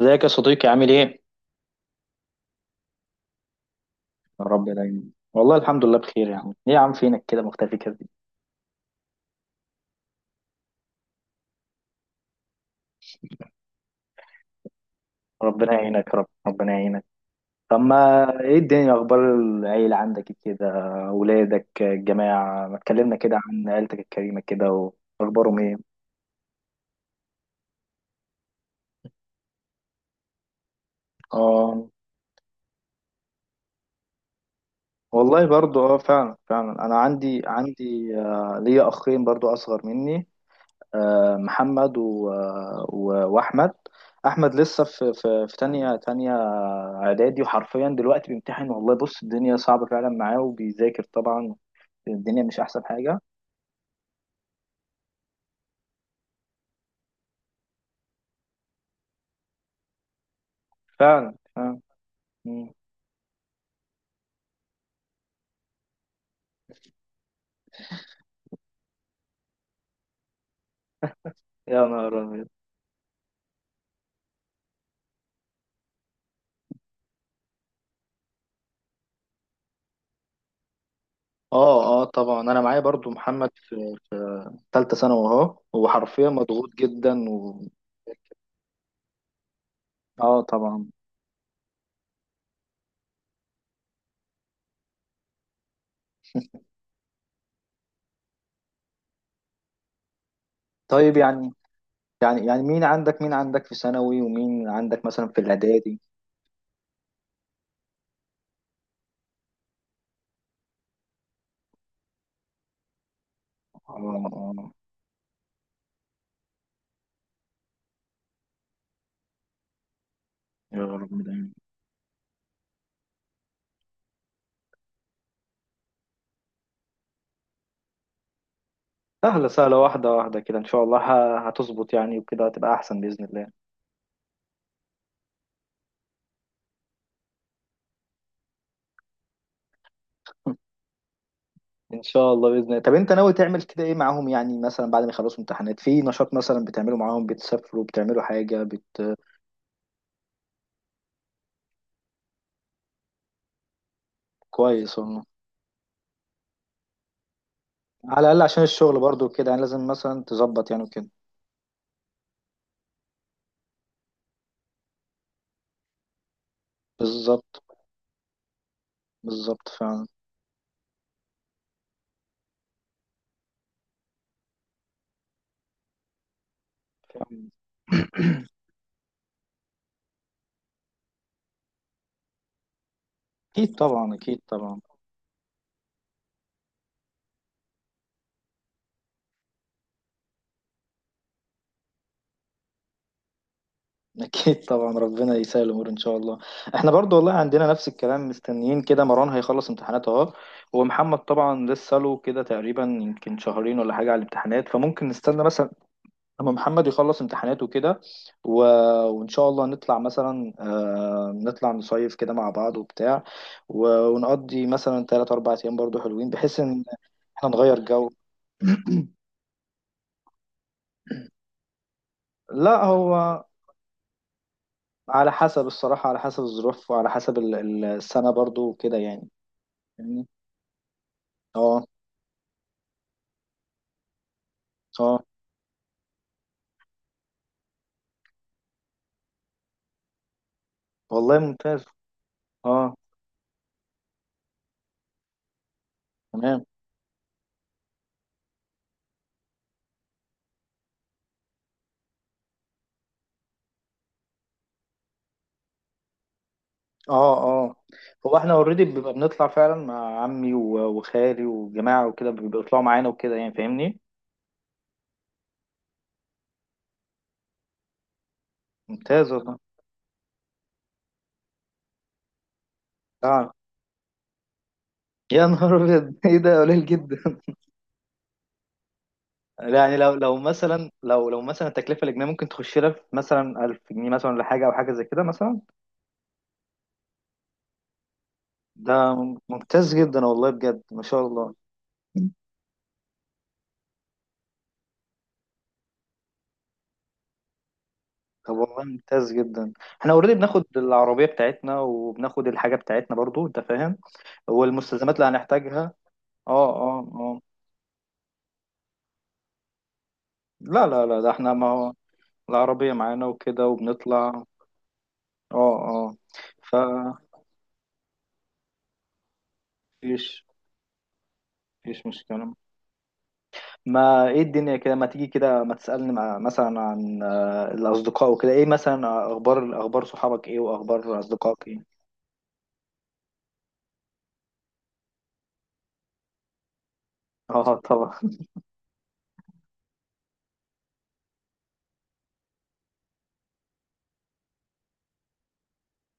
ازيك يا صديقي، عامل ايه؟ يا رب دايما. والله الحمد لله بخير يا عم. ايه يا عم، فينك كده مختفي كده؟ ربنا يعينك يا رب، ربنا يعينك. طب ما، ايه الدنيا؟ إيه اخبار العيلة عندك إيه كده؟ اولادك الجماعة، ما تكلمنا كده عن عيلتك الكريمة كده. واخبارهم ايه؟ اه. والله برضو فعلا فعلا، انا عندي ليا اخين برضو اصغر مني. محمد واحمد. احمد لسه في تانية اعدادي، وحرفيا دلوقتي بيمتحن. والله بص، الدنيا صعبة فعلا معاه، وبيذاكر طبعا. الدنيا مش احسن حاجة، فعلا فعلا. مم. يا نهار ابيض! اه اه، طبعا. انا معايا برضو محمد في تالتة ثانوي اهو، هو حرفيا مضغوط جدا اه طبعا. طيب، يعني مين عندك في ثانوي، ومين عندك مثلا في الاعدادي؟ اه اه. يا رب دايما. سهلة سهلة، واحدة واحدة كده، ان شاء الله هتظبط يعني، وكده هتبقى احسن بإذن الله. ان شاء الله، باذن الله. طب انت ناوي تعمل كده ايه معاهم؟ يعني مثلا بعد ما يخلصوا امتحانات، في نشاط مثلا بتعمله معاهم؟ بتسافروا، بتعملوا حاجه كويس والله. على الاقل عشان الشغل برضو كده يعني، لازم مثلا تظبط يعني وكده. بالظبط بالظبط. فعلا فعلا. اكيد طبعا، اكيد طبعا، اكيد طبعا. ربنا يسهل الامور ان شاء الله. احنا برضو والله عندنا نفس الكلام، مستنيين كده مروان هيخلص امتحانات اهو، ومحمد طبعا لسه له كده تقريبا يمكن شهرين ولا حاجه على الامتحانات، فممكن نستنى مثلا لما محمد يخلص امتحاناته كده، و... وإن شاء الله نطلع مثلا، نطلع نصيف كده مع بعض وبتاع، ونقضي مثلا تلات أربع أيام برضو حلوين، بحيث إن احنا نغير جو. لا، هو على حسب، الصراحة على حسب الظروف، وعلى حسب السنة برضو وكده يعني. فاهمني؟ اه اه. والله ممتاز. اه تمام. اه اه، هو احنا اوريدي بنبقى بنطلع فعلا مع عمي، وخالي وجماعة، وكده بيطلعوا معانا وكده يعني. فاهمني. ممتاز والله. اه، يا نهار ابيض! ايه ده قليل جدا! يعني لو مثلا التكلفه الاجنبيه ممكن تخش لها في مثلا 1000 جنيه مثلا، ولا حاجه او حاجه زي كده مثلا. ده ممتاز جدا والله، بجد ما شاء الله. طب والله ممتاز جدا. احنا اوريدي بناخد العربيه بتاعتنا، وبناخد الحاجه بتاعتنا برضو، انت فاهم، والمستلزمات اللي هنحتاجها. اه اه اه. لا لا لا، ده احنا، ما هو العربيه معانا وكده وبنطلع. اه اه. ف مفيش مفيش مشكله. ما ايه الدنيا كده، ما تيجي كده، ما تسألني مع مثلا عن الأصدقاء وكده. ايه مثلا، أخبار صحابك ايه، وأخبار أصدقائك ايه؟ اه طبعا.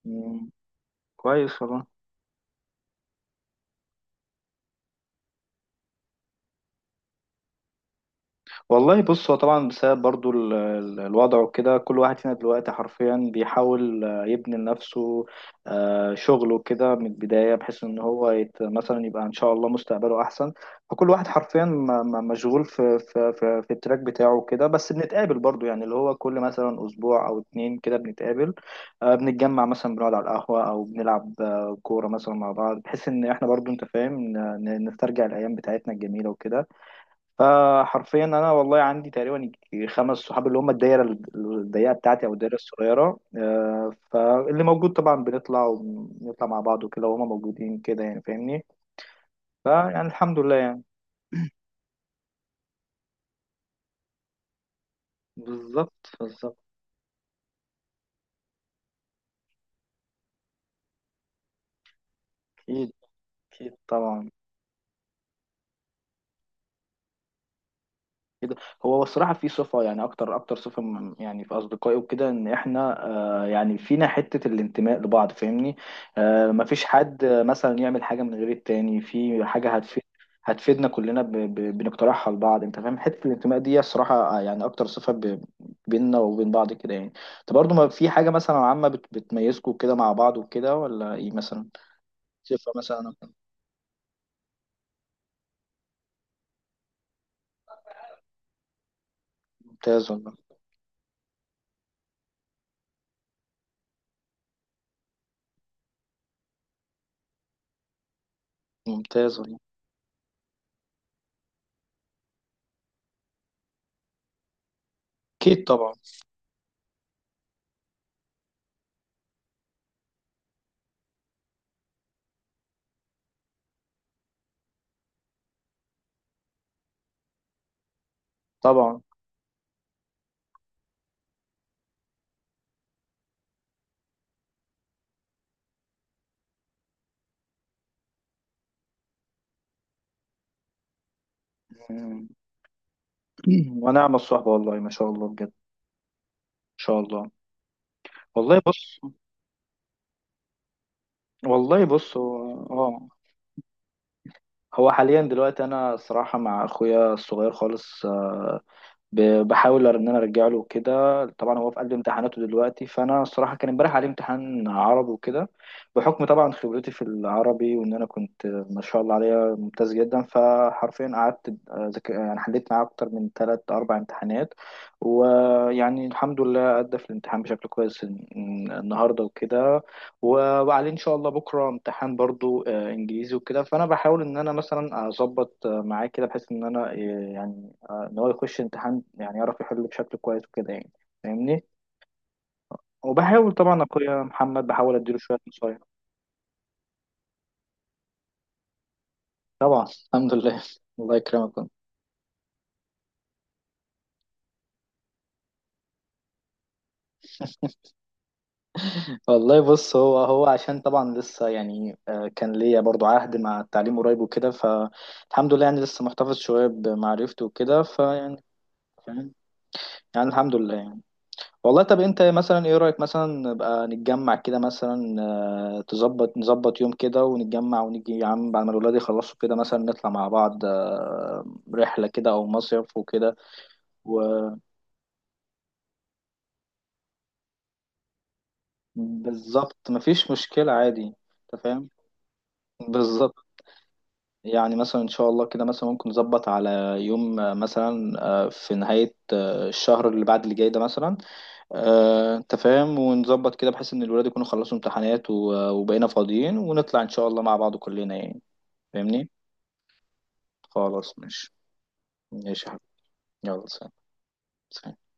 مم، كويس والله. والله بص، هو طبعا بسبب برضو الوضع وكده، كل واحد فينا دلوقتي حرفيا بيحاول يبني لنفسه شغله كده من البداية، بحيث ان هو مثلا يبقى ان شاء الله مستقبله احسن. فكل واحد حرفيا مشغول في التراك بتاعه كده، بس بنتقابل برضو، يعني اللي هو كل مثلا اسبوع او اتنين كده بنتقابل. بنتجمع مثلا، بنقعد على القهوة او بنلعب كورة مثلا مع بعض، بحيث ان احنا برضو، انت فاهم، نسترجع الايام بتاعتنا الجميلة وكده. حرفيا انا والله عندي تقريبا خمس صحاب، اللي هم الدايره الضيقه بتاعتي، او الدايره الصغيره. فاللي موجود طبعا، بنطلع ونطلع مع بعض وكده، وهم موجودين كده يعني. فاهمني. فيعني الحمد لله يعني. بالظبط بالظبط. اكيد اكيد طبعا كده. هو بصراحة في صفة يعني، أكتر أكتر صفة يعني في أصدقائي وكده، إن إحنا يعني فينا حتة الانتماء لبعض. فاهمني. مفيش حد مثلا يعمل حاجة من غير التاني في حاجة هتفيد، هتفيدنا كلنا، بنقترحها لبعض. أنت فاهم، حتة الانتماء دي الصراحة، يعني أكتر صفة بيننا وبين بعض كده يعني. أنت برضو ما في حاجة مثلا عامة بتميزكوا كده مع بعض وكده، ولا إيه مثلا؟ صفة مثلا؟ ممتاز ولا، ممتاز ولا، أكيد طبعا طبعا. ونعم الصحبة والله، ما شاء الله بجد، ان شاء الله. والله بص والله بص، اه هو حاليا دلوقتي انا الصراحة مع اخويا الصغير خالص، بحاول ان انا ارجع له كده. طبعا هو في قلب امتحاناته دلوقتي، فانا الصراحه كان امبارح عليه امتحان عربي وكده، بحكم طبعا خبرتي في العربي، وان انا كنت ما شاء الله عليا ممتاز جدا، فحرفيا قعدت يعني حليت معاه اكتر من ثلاث اربع امتحانات. ويعني الحمد لله ادى في الامتحان بشكل كويس النهارده وكده، وعليه ان شاء الله بكره امتحان برضو انجليزي وكده، فانا بحاول ان انا مثلا اظبط معاه كده، بحيث ان انا يعني ان هو يخش امتحان، يعني يعرف يحل بشكل كويس وكده يعني. فاهمني. وبحاول طبعا اخويا محمد، بحاول اديله شويه نصايح طبعا. الحمد لله. الله يكرمكم. والله بص، هو عشان طبعا لسه يعني، كان ليا برضو عهد مع التعليم قريب وكده، فالحمد لله يعني لسه محتفظ شويه بمعرفته وكده فيعني. فاهم؟ يعني الحمد لله يعني. والله، طب انت مثلا ايه رأيك مثلا نبقى نتجمع كده مثلا، نظبط يوم كده ونتجمع، ونيجي يا عم بعد ما الولاد يخلصوا كده، مثلا نطلع مع بعض رحلة كده او مصيف وكده، وبالظبط مفيش مشكلة، عادي. انت فاهم، بالظبط. يعني مثلا ان شاء الله كده مثلا ممكن نظبط على يوم مثلا، في نهاية الشهر اللي بعد اللي جاي ده مثلا، انت فاهم، ونظبط كده بحيث ان الولاد يكونوا خلصوا امتحانات، وبقينا فاضيين ونطلع ان شاء الله مع بعض كلنا يعني. فاهمني. خلاص ماشي. ماشي يا حبيبي، يلا سلام. سلام.